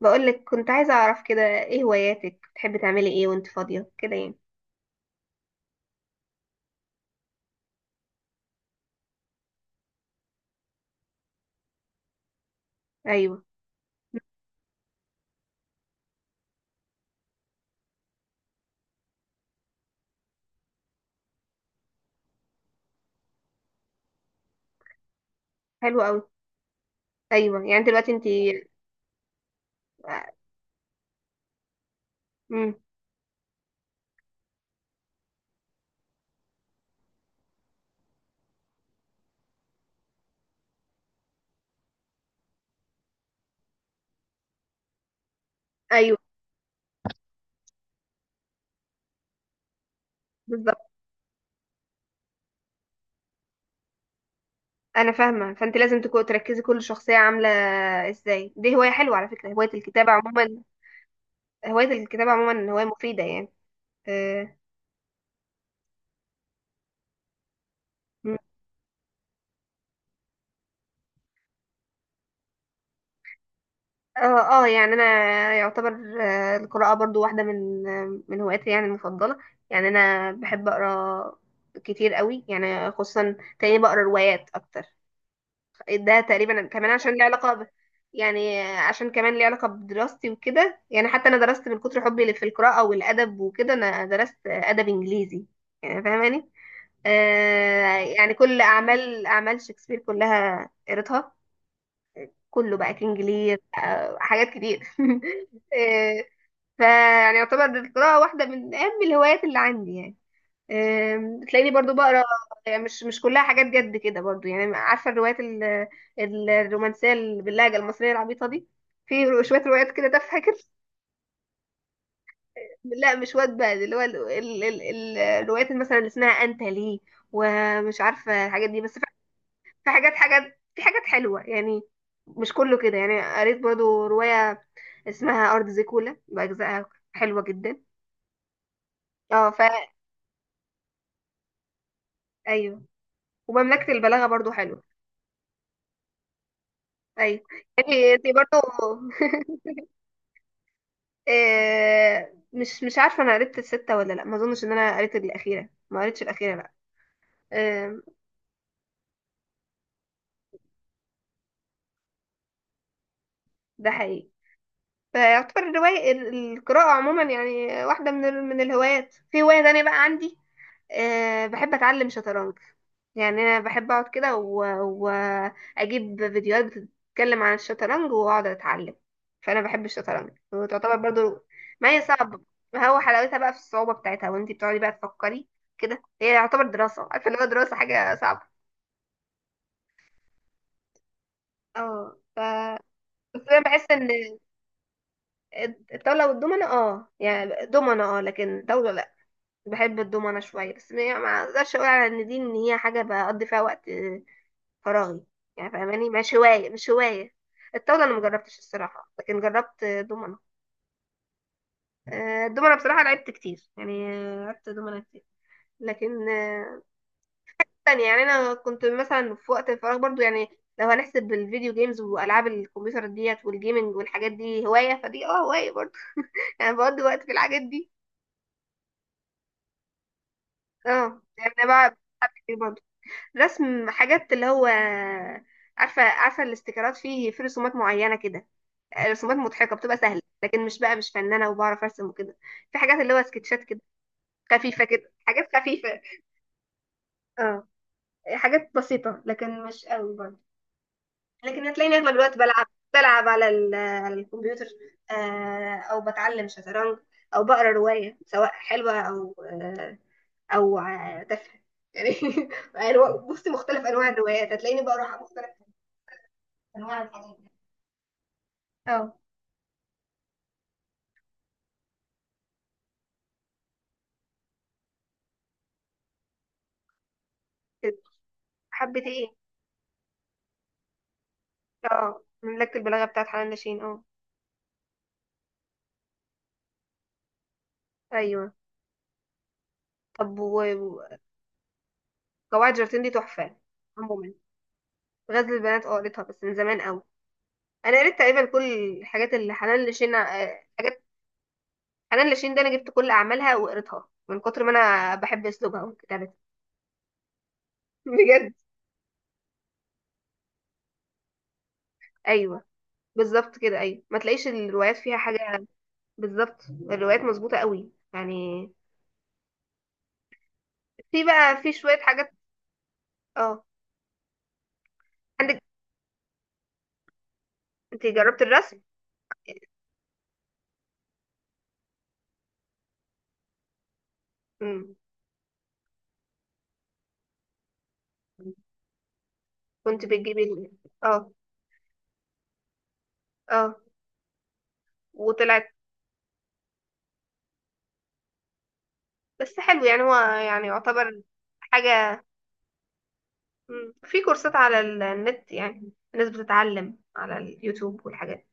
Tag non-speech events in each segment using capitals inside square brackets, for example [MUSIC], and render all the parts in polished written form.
بقولك، كنت عايزة أعرف كده إيه هواياتك، بتحبي تعملي إيه وأنت فاضية كده، يعني؟ أيوه. حلو أوي. أيوه، يعني دلوقتي أنت... امم. أيوه، بالظبط. أنا فاهمة، فأنت لازم تكون تركزي كل شخصية عاملة إزاي. دي هواية حلوة على فكرة، هواية الكتابة عموما. هواية الكتابة عموما هواية مفيدة يعني. آه. مم. اه. يعني انا يعتبر، القراءة برضو واحدة من من هواياتي يعني المفضلة. يعني انا بحب اقرا كتير قوي، يعني خصوصا تلاقيني بقرا روايات اكتر. ده تقريبا كمان عشان ليه علاقة ب... يعني عشان كمان ليه علاقة بدراستي وكده، يعني حتى أنا درست من كتر حبي في القراءة والأدب وكده، أنا درست أدب إنجليزي، يعني فاهماني. آه، يعني كل أعمال شكسبير كلها قريتها، كله بقى، كينج لير، حاجات كتير. [LAUGHS] آه. فيعني يعتبر القراءة واحدة من أهم الهوايات اللي عندي يعني. تلاقيني برضو بقرا، يعني مش كلها حاجات جد كده برضو. يعني عارفه الروايات الرومانسيه اللي باللهجه المصريه العبيطه دي، في شويه روايات كده تافهه كده. [LAUGHS] لا، مش واد بقى، اللي هو الروايات مثلا اللي اسمها انت ليه ومش عارفه الحاجات دي، بس في في حاجات حاجات في حاجات حلوه يعني. مش كله كده. يعني قريت برضو روايه اسمها ارض زيكولا، باجزائها حلوه جدا. اه فا... ايوه. ومملكه البلاغه برضو حلوه. ايوه، يعني انت برضه. [LAUGHS] مش عارفه انا قريت السته ولا لا، ما اظنش ان انا قريت الاخيره، ما قريتش الاخيره لا. آه، ده حقيقي. فيعتبر الرواية القراءة عموما يعني واحدة من من الهوايات. في هواية تانية بقى عندي، بحب أتعلم شطرنج. يعني أنا بحب أقعد كده و- وأجيب فيديوهات بتتكلم عن الشطرنج وأقعد أتعلم. فأنا بحب الشطرنج، وتعتبر برضو. ما هي صعبة، ما هو حلاوتها بقى في الصعوبة بتاعتها، وانتي بتقعدي بقى تفكري كده. هي يعتبر دراسة، عارفة اللي هو دراسة حاجة صعبة. اه ف... بس انا بحس ان الطاوله والدومنه، يعني دومنه لكن طاوله لا. بحب الدومنة شوية، بس ما اقدرش اقول على ان دي، ان هي حاجة بقضي فيها وقت فراغي. يعني فاهماني، مش هواية، مش هواية. الطاولة انا مجربتش الصراحة، لكن جربت دومنة. الدومنة بصراحة لعبت كتير، يعني لعبت دومنة كتير. لكن تانية، يعني انا كنت مثلا في وقت الفراغ برضو. يعني لو هنحسب الفيديو جيمز والعاب الكمبيوتر ديت والجيمنج والحاجات دي هواية، فدي هواية برضو. [LAUGHS] يعني بقضي وقت في الحاجات دي. اه يعني انا بقى رسم حاجات، اللي هو عارفه، الاستيكرات، في رسومات معينه كده، رسومات مضحكه بتبقى سهله، لكن مش بقى، مش فنانه وبعرف ارسم وكده. في حاجات اللي هو سكتشات كده، خفيفه كده، حاجات خفيفه. اه، حاجات بسيطه لكن مش قوي برضه. لكن هتلاقيني اغلب الوقت بلعب، على على الكمبيوتر، او بتعلم شطرنج، او بقرا روايه سواء حلوه او او تافهه. يعني [LAUGHS] بصي، مختلف انواع الروايات هتلاقيني بقرا مختلف انواع الحاجات. اه كده. حبة ايه؟ اه، مملكة البلاغة بتاعت حنان لاشين، اه. ايوه. طب و قواعد جارتين دي تحفة عموما. غزل البنات، اه قريتها بس من زمان قوي. انا قريت تقريبا كل الحاجات اللي حنان لاشين، حنان لاشين ده انا جبت كل اعمالها وقريتها، من كتر ما انا بحب اسلوبها وكتابتها. [LAUGHS] بجد. ايوه، بالظبط كده. ايوه، ما تلاقيش الروايات فيها حاجة. بالظبط، الروايات مظبوطة قوي يعني. في بقى، في شوية حاجات. اه. عندك؟ انت جربت الرسم؟ مم. كنت بتجيب ال-... اه، اه. وطلعت. بس حلو يعني، هو يعني يعتبر حاجة. مم. في كورسات على النت، يعني الناس بتتعلم على اليوتيوب والحاجات.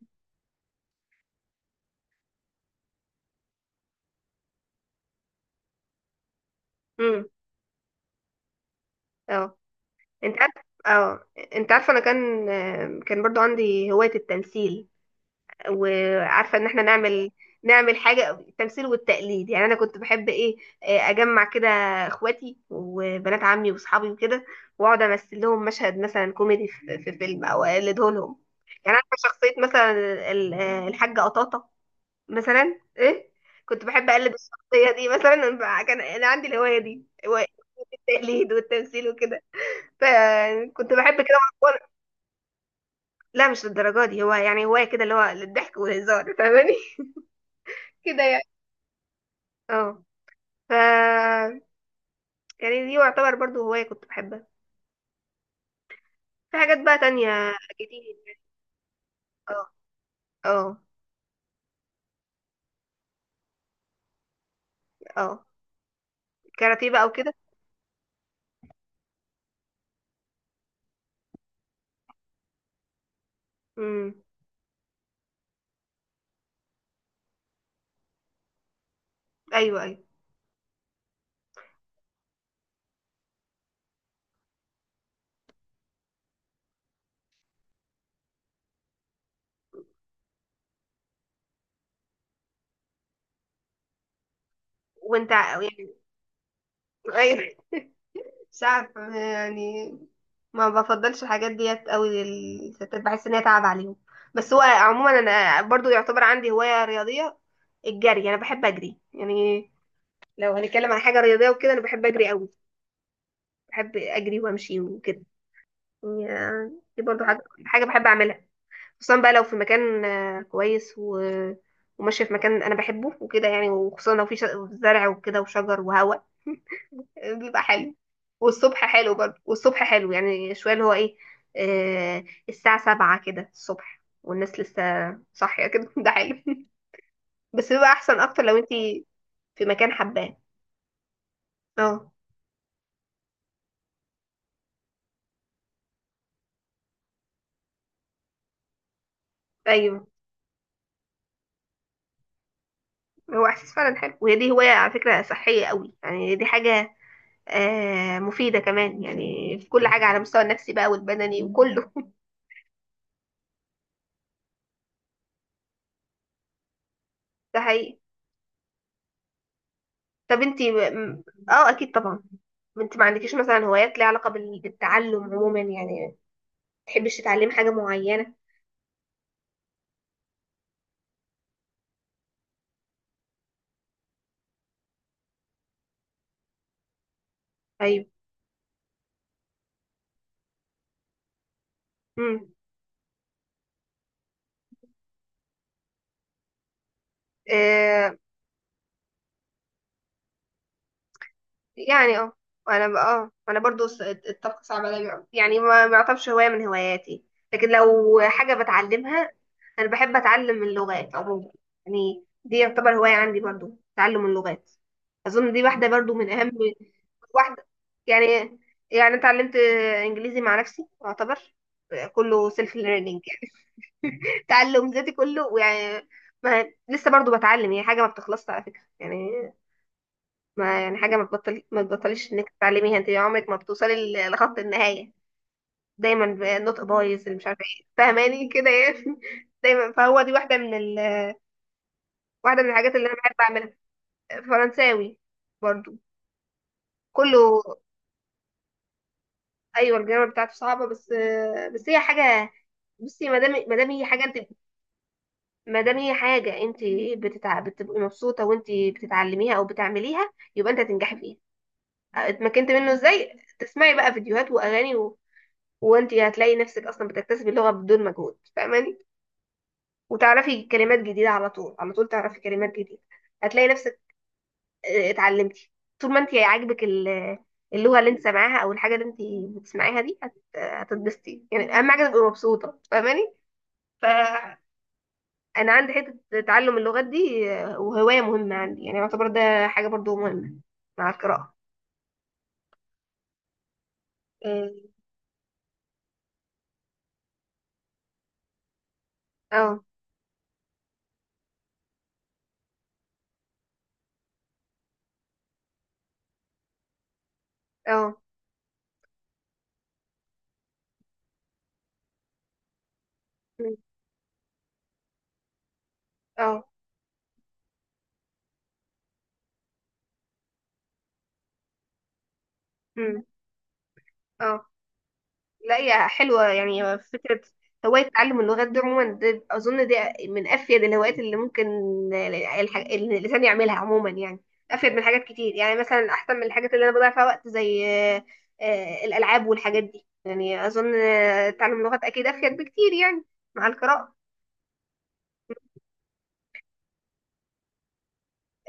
امم. اه انت عارف، اه انت عارفة انا كان برضو عندي هواية التمثيل، وعارفه ان احنا نعمل، حاجه التمثيل والتقليد. يعني انا كنت بحب ايه، اجمع كده اخواتي وبنات عمي واصحابي وكده، واقعد امثل لهم مشهد مثلا كوميدي في فيلم او اقلده لهم. يعني عارفه شخصيه مثلا الحاجه قطاطه مثلا ايه، كنت بحب اقلد الشخصيه دي مثلا. كان انا عندي الهوايه دي، هواية التقليد والتمثيل وكده، فكنت بحب كده. وأنا-... لا مش للدرجه دي، هو يعني هوايه كده، اللي هو للضحك والهزار، فاهماني. [LAUGHS] كده يعني. اه ف... يعني دي يعتبر برضو هواية كنت بحبها. في حاجات بقى تانية جديدة. اه، اه. اه، كاراتيه بقى وكده. امم. ايوه، ايوه. وانت ع-... يعني ايوه، مش عارفة يعني، ما بفضلش الحاجات ديت قوي للستات، بحس ان هي تعب عليهم. بس هو عموما انا برضو يعتبر عندي هواية رياضية، الجري. انا بحب اجري يعني. لو هنتكلم عن حاجة رياضية وكده، انا بحب اجري قوي، بحب اجري وامشي وكده. يعني دي برضو حاجة بحب اعملها، خصوصا بقى لو في مكان كويس و... وماشية في مكان أنا بحبه وكده، يعني وخصوصا لو في ش... زرع وكده وشجر وهواء. [LAUGHS] بيبقى حلو. والصبح حلو برضه، والصبح حلو يعني شوية، اللي هو إيه، آه. الساعة سبعة كده الصبح، والناس لسه صاحية كده. [LAUGHS] ده حلو. بس بيبقى أحسن أكتر لو أنتي في مكان حباه. اه، أيوه. هو إحساس فعلا حلو، وهي دي هواية على فكرة صحية قوي. يعني دي حاجة مفيدة كمان يعني، في كل حاجة، على المستوى النفسي بقى والبدني وكله. ده حقيقي. طب انتي م-... اه، اكيد طبعا. انت ما عندكيش مثلا هوايات ليها علاقه بال- بالتعلم عموما؟ يعني ما تحبيش تتعلمي حاجه معينه؟ ايوه. امم. يعني اه، انا بقى، انا برضو الطبخ صعب عليا. يعني ما يعتبرش هوايه من هواياتي، لكن لو حاجه بتعلمها، انا بحب اتعلم اللغات عموما. يعني دي يعتبر هوايه عندي برضو، تعلم اللغات. اظن دي واحده برضو من اهم [LAUGHS] واحده. يعني اتعلمت انجليزي مع نفسي يعتبر، كله سيلف ليرنينج. [LAUGHS] تعلم ذاتي كله يعني. ما لسه برضو بتعلم، هي حاجه ما بتخلصش على فكره. يعني ما، يعني حاجة، ما تبطليش انك تتعلميها، انت عمرك ما بتوصلي ل- لخط النهاية. دايما ب-... النطق بايظ اللي مش عارفة ايه، فاهماني كده يعني. [LAUGHS] دايما، فهو دي واحدة من ال... واحدة من الحاجات اللي انا بحب اعملها. فرنساوي برضو كله. ايوه الجرامر بتاعته صعبة، بس بس هي حاجة، بصي ما دام هي حاجة انت، ما دام هي حاجة انت بتتع... بتبقي مبسوطة وانت بتتعلميها او بتعمليها، يبقى انت هتنجحي فيها. اتمكنت منه ازاي؟ تسمعي بقى فيديوهات واغاني، وانت هتلاقي نفسك اصلا بتكتسبي اللغه بدون مجهود، فاهماني. وتعرفي كلمات جديده على طول، على طول تعرفي كلمات جديده، هتلاقي نفسك اتعلمتي. طول ما انت عاجبك ال-... اللغه اللي انت سامعاها او الحاجه اللي انت بتسمعيها دي هت- هتتبسطي. يعني اهم حاجه تبقي مبسوطه، فاهماني. فانا عندي حته تعلم اللغات دي، وهوايه مهمه عندي. يعني يعتبر ده حاجه برضو مهمه، مع القراءه. اه. اه. اه. اه. اه. لا، هي حلوة يعني فكرة هواية تعلم اللغات دي عموما. دي أظن دي من أفيد الهوايات اللي ممكن اللي الإنسان يعملها عموما. يعني أفيد من حاجات كتير، يعني مثلا أحسن من الحاجات اللي أنا بضيع فيها وقت زي الألعاب والحاجات دي. يعني أظن تعلم لغات أكيد أفيد بكتير يعني، مع القراءة.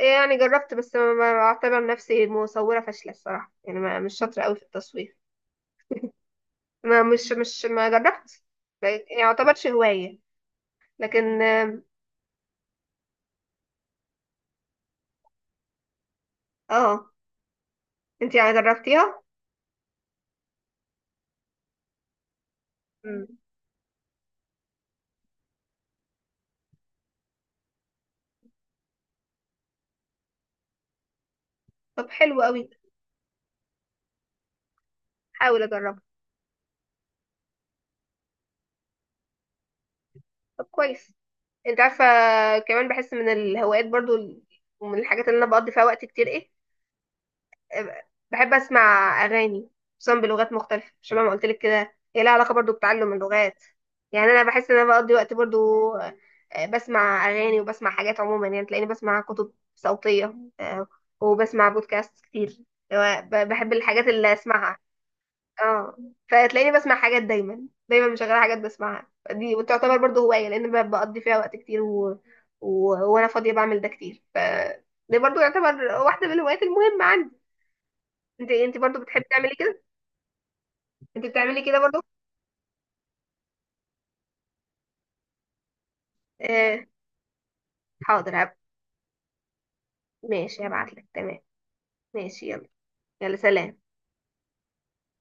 يعني جربت، بس ما أعتبر نفسي، مصورة فاشلة الصراحة، يعني ما، مش شاطرة أوي في التصوير. ما مش ما جربت. ما يعني ما يعتبرش هواية، لكن اه. آه. انتي يعني جربتيها؟ مم. طب حلو قوي، حاول اجربها. طب كويس. انت عارفه، كمان بحس من الهوايات برضو ال-... ومن الحاجات اللي انا بقضي فيها وقت كتير، ايه، أه، بحب اسمع اغاني، خصوصا بلغات مختلفه، شبه ما قلت لك كده، هي لها علاقه برضو بتعلم اللغات. يعني انا بحس ان انا بقضي وقت برضو بسمع اغاني وبسمع حاجات عموما. يعني تلاقيني بسمع كتب صوتيه، أه، وبسمع بودكاست كتير. بحب الحاجات اللي اسمعها. اه. فتلاقيني بسمع حاجات دايما، دايما مشغله حاجات بسمعها دي، وتعتبر برضو هوايه، لان بقضي فيها وقت كتير و... و... وانا فاضيه بعمل ده كتير. ف دي برضو يعتبر واحده من الهوايات المهمه عندي. انت برضو بتحبي تعملي كده؟ انت بتعملي كده برضو؟ آه، حاضر، هب... ماشي هبعت لك، تمام. ماشي، يلا. يلا سلام.